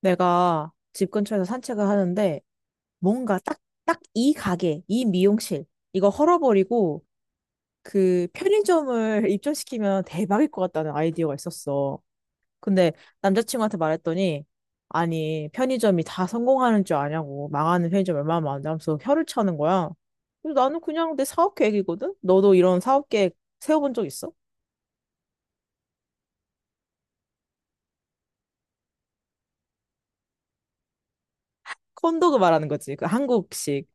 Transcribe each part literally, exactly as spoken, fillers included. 내가 집 근처에서 산책을 하는데 뭔가 딱, 딱 이 가게, 이 미용실 이거 헐어버리고 그 편의점을 입점시키면 대박일 것 같다는 아이디어가 있었어. 근데 남자친구한테 말했더니 아니 편의점이 다 성공하는 줄 아냐고 망하는 편의점 얼마나 많은데 하면서 혀를 차는 거야. 그래서 나는 그냥 내 사업 계획이거든? 너도 이런 사업 계획 세워본 적 있어? 콘도그 말하는 거지. 그 한국식.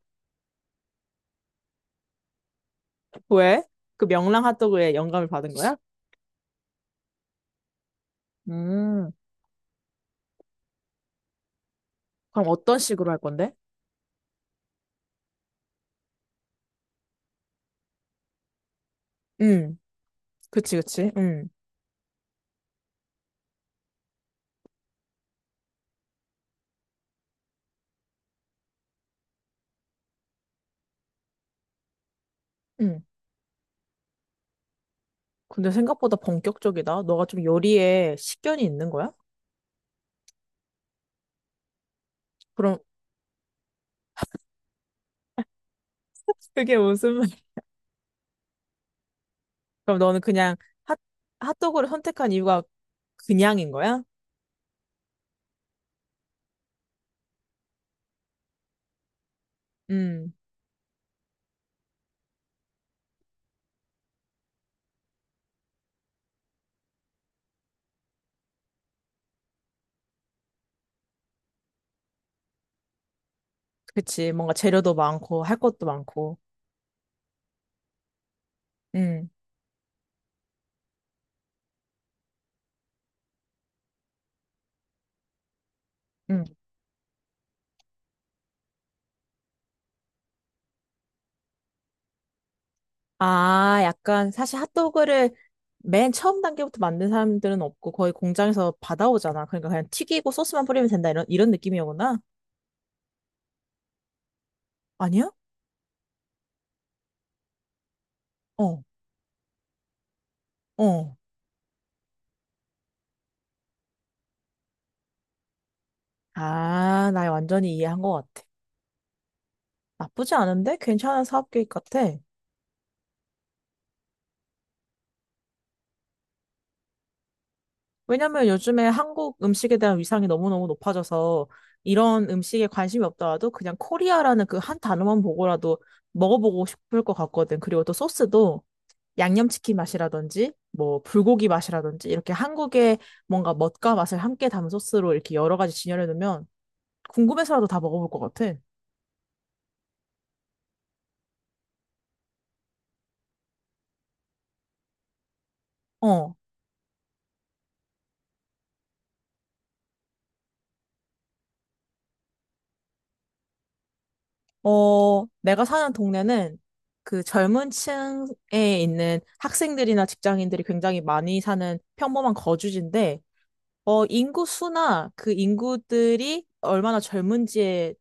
왜? 그 명랑 핫도그에 영감을 받은 거야? 음. 그럼 어떤 식으로 할 건데? 응, 그치, 그치. 응, 응. 근데 생각보다 본격적이다. 너가 좀 요리에 식견이 있는 거야? 그럼 그게 무슨 말? 그럼 너는 그냥 핫 핫도그를 선택한 이유가 그냥인 거야? 응, 그치. 뭔가 재료도 많고 할 것도 많고. 응, 응. 아, 약간 사실 핫도그를 맨 처음 단계부터 만든 사람들은 없고 거의 공장에서 받아오잖아. 그러니까 그냥 튀기고 소스만 뿌리면 된다 이런 이런 느낌이었구나. 아니야? 어, 어. 아, 나 완전히 이해한 것 같아. 나쁘지 않은데? 괜찮은 사업 계획 같아. 왜냐면 요즘에 한국 음식에 대한 위상이 너무너무 높아져서 이런 음식에 관심이 없더라도 그냥 코리아라는 그 한 단어만 보고라도 먹어보고 싶을 것 같거든. 그리고 또 소스도 양념치킨 맛이라든지 뭐 불고기 맛이라든지 이렇게 한국의 뭔가 멋과 맛을 함께 담은 소스로 이렇게 여러 가지 진열해 놓으면 궁금해서라도 다 먹어볼 것 같아. 어. 어, 내가 사는 동네는 그 젊은 층에 있는 학생들이나 직장인들이 굉장히 많이 사는 평범한 거주지인데 어, 인구 수나 그 인구들이 얼마나 젊은지에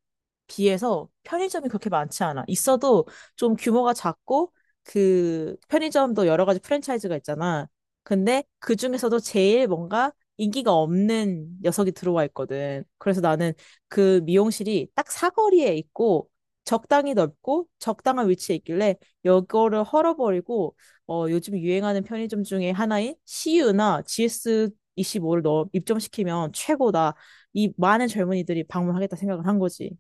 비해서 편의점이 그렇게 많지 않아. 있어도 좀 규모가 작고 그 편의점도 여러 가지 프랜차이즈가 있잖아. 근데 그 중에서도 제일 뭔가 인기가 없는 녀석이 들어와 있거든. 그래서 나는 그 미용실이 딱 사거리에 있고 적당히 넓고 적당한 위치에 있길래 이거를 헐어버리고 어, 요즘 유행하는 편의점 중에 하나인 씨유나 지에스 이십오를 넣 입점시키면 최고다. 이 많은 젊은이들이 방문하겠다 생각을 한 거지.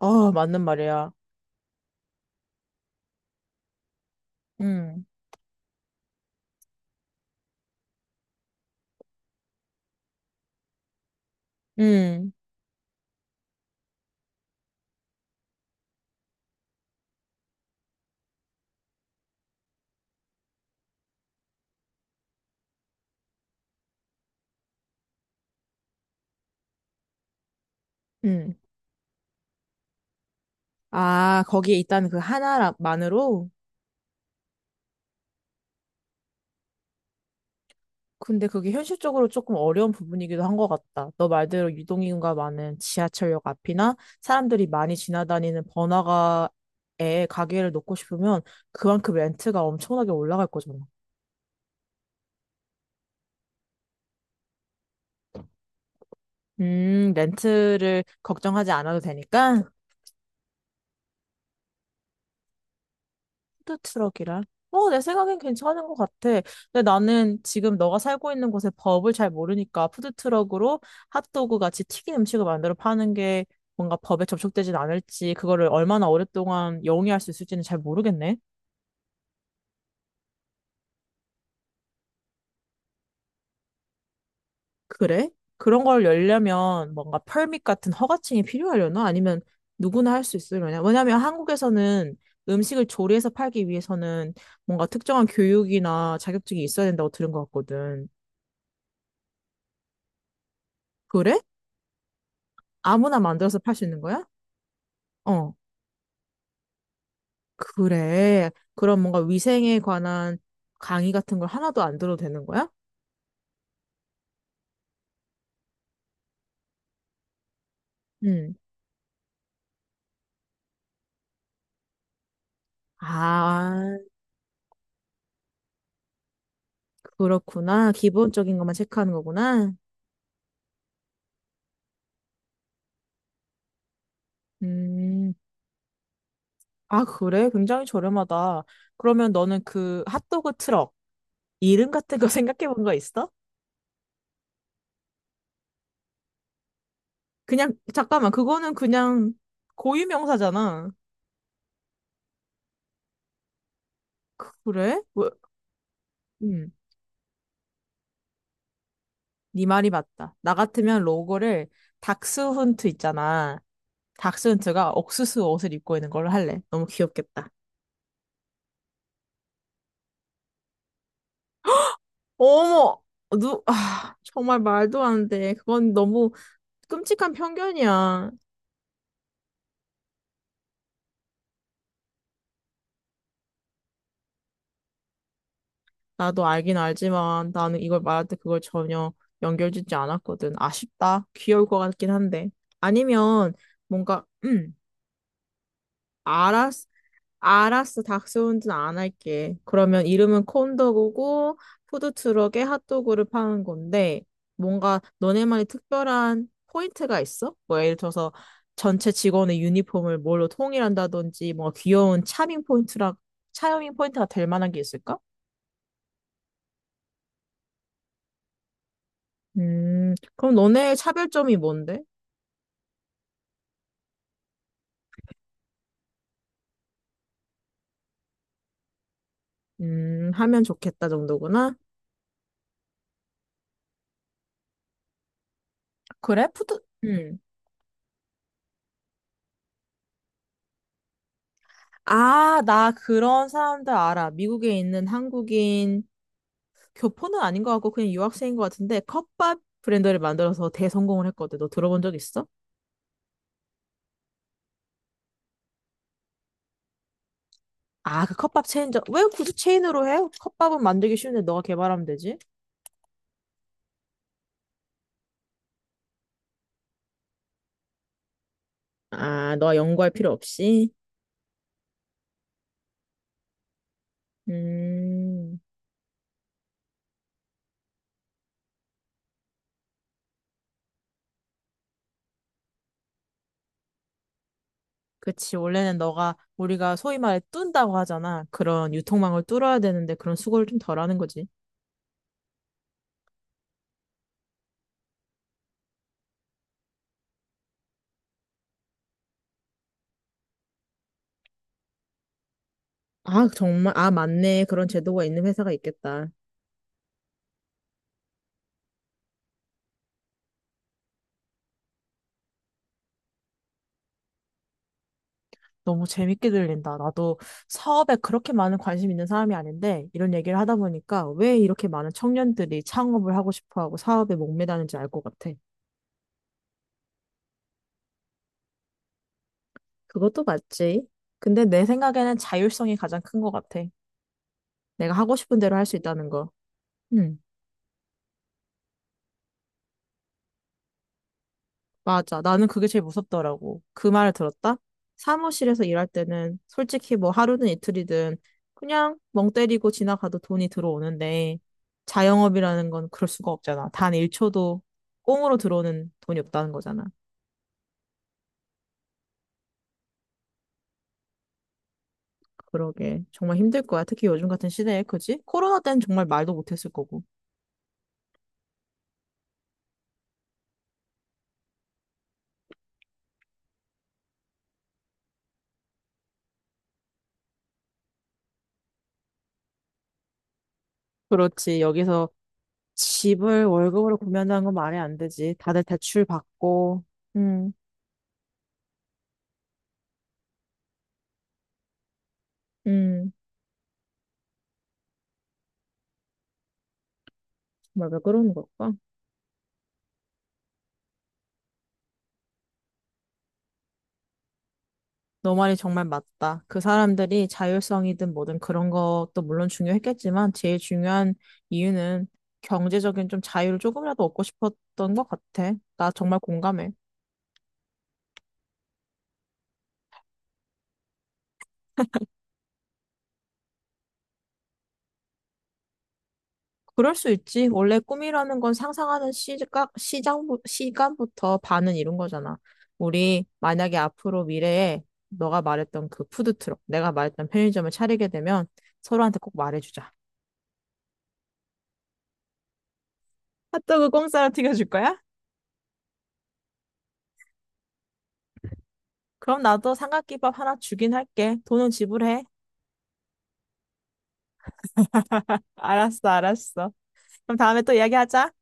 아, 맞는 말이야. 음, 음, 음. 아, 거기에 있다는 그 하나만으로? 근데 그게 현실적으로 조금 어려운 부분이기도 한 것 같다. 너 말대로 유동인구가 많은 지하철역 앞이나 사람들이 많이 지나다니는 번화가에 가게를 놓고 싶으면 그만큼 렌트가 엄청나게 올라갈 거잖아. 음, 렌트를 걱정하지 않아도 되니까? 푸드 트럭이라? 어, 내 생각엔 괜찮은 것 같아. 근데 나는 지금 너가 살고 있는 곳의 법을 잘 모르니까 푸드 트럭으로 핫도그 같이 튀긴 음식을 만들어 파는 게 뭔가 법에 접촉되진 않을지, 그거를 얼마나 오랫동안 영위할 수 있을지는 잘 모르겠네. 그래? 그런 걸 열려면 뭔가 펄밋 같은 허가증이 필요하려나? 아니면 누구나 할 수 있으려나? 왜냐면 한국에서는 음식을 조리해서 팔기 위해서는 뭔가 특정한 교육이나 자격증이 있어야 된다고 들은 것 같거든. 그래? 아무나 만들어서 팔 수 있는 거야? 어, 그래. 그럼 뭔가 위생에 관한 강의 같은 걸 하나도 안 들어도 되는 거야? 음. 아, 그렇구나. 기본적인 것만 체크하는 거구나. 음. 아, 그래? 굉장히 저렴하다. 그러면 너는 그 핫도그 트럭, 이름 같은 거 생각해 본 거 있어? 그냥, 잠깐만. 그거는 그냥 고유명사잖아. 그래? 왜? 음. 네 말이 맞다. 나 같으면 로고를 닥스훈트 있잖아. 닥스훈트가 옥수수 옷을 입고 있는 걸로 할래. 너무 귀엽겠다. 어머, 누, 아, 정말 말도 안 돼. 그건 너무 끔찍한 편견이야. 나도 알긴 알지만 나는 이걸 말할 때 그걸 전혀 연결짓지 않았거든. 아쉽다. 귀여울 것 같긴 한데. 아니면 뭔가, 음, 알았, 알았어, 닥스훈진 안 할게. 그러면 이름은 콘도그고 푸드트럭에 핫도그를 파는 건데 뭔가 너네만의 특별한 포인트가 있어? 뭐 예를 들어서 전체 직원의 유니폼을 뭘로 통일한다든지 뭔가 귀여운 차밍 포인트라 차밍 포인트가 될 만한 게 있을까? 음, 그럼 너네의 차별점이 뭔데? 음, 하면 좋겠다 정도구나. 그래? 푸드 음. 아, 나 그런 사람들 알아. 미국에 있는 한국인 교포는 아닌 것 같고 그냥 유학생인 것 같은데 컵밥 브랜드를 만들어서 대성공을 했거든. 너 들어본 적 있어? 아, 그 컵밥 체인점. 왜 굳이 체인으로 해? 컵밥은 만들기 쉬운데 너가 개발하면 되지. 아, 너가 연구할 필요 없이? 음, 그치. 원래는 너가 우리가 소위 말해 뚠다고 하잖아. 그런 유통망을 뚫어야 되는데 그런 수고를 좀 덜 하는 거지. 아, 정말. 아, 맞네. 그런 제도가 있는 회사가 있겠다. 너무 재밌게 들린다. 나도 사업에 그렇게 많은 관심 있는 사람이 아닌데, 이런 얘기를 하다 보니까 왜 이렇게 많은 청년들이 창업을 하고 싶어 하고 사업에 목매다는지 알 것 같아. 그것도 맞지. 근데 내 생각에는 자율성이 가장 큰 것 같아. 내가 하고 싶은 대로 할 수 있다는 거. 음. 맞아. 나는 그게 제일 무섭더라고. 그 말을 들었다? 사무실에서 일할 때는 솔직히 뭐 하루든 이틀이든 그냥 멍 때리고 지나가도 돈이 들어오는데 자영업이라는 건 그럴 수가 없잖아. 단 일 초도 꽁으로 들어오는 돈이 없다는 거잖아. 그러게. 정말 힘들 거야. 특히 요즘 같은 시대에, 그지? 코로나 때는 정말 말도 못했을 거고. 그렇지. 여기서 집을 월급으로 구매한다는 건 말이 안 되지. 다들 대출 받고. 음, 음, 정말 왜 그러는 걸까? 너 말이 정말 맞다. 그 사람들이 자율성이든 뭐든 그런 것도 물론 중요했겠지만 제일 중요한 이유는 경제적인 좀 자유를 조금이라도 얻고 싶었던 것 같아. 나 정말 공감해. 그럴 수 있지. 원래 꿈이라는 건 상상하는 시각, 시장, 시간부터 반은 이룬 거잖아. 우리 만약에 앞으로 미래에 너가 말했던 그 푸드트럭, 내가 말했던 편의점을 차리게 되면 서로한테 꼭 말해주자. 핫도그 공짜로 튀겨줄 거야? 그럼 나도 삼각김밥 하나 주긴 할게. 돈은 지불해. 알았어, 알았어. 그럼 다음에 또 이야기하자.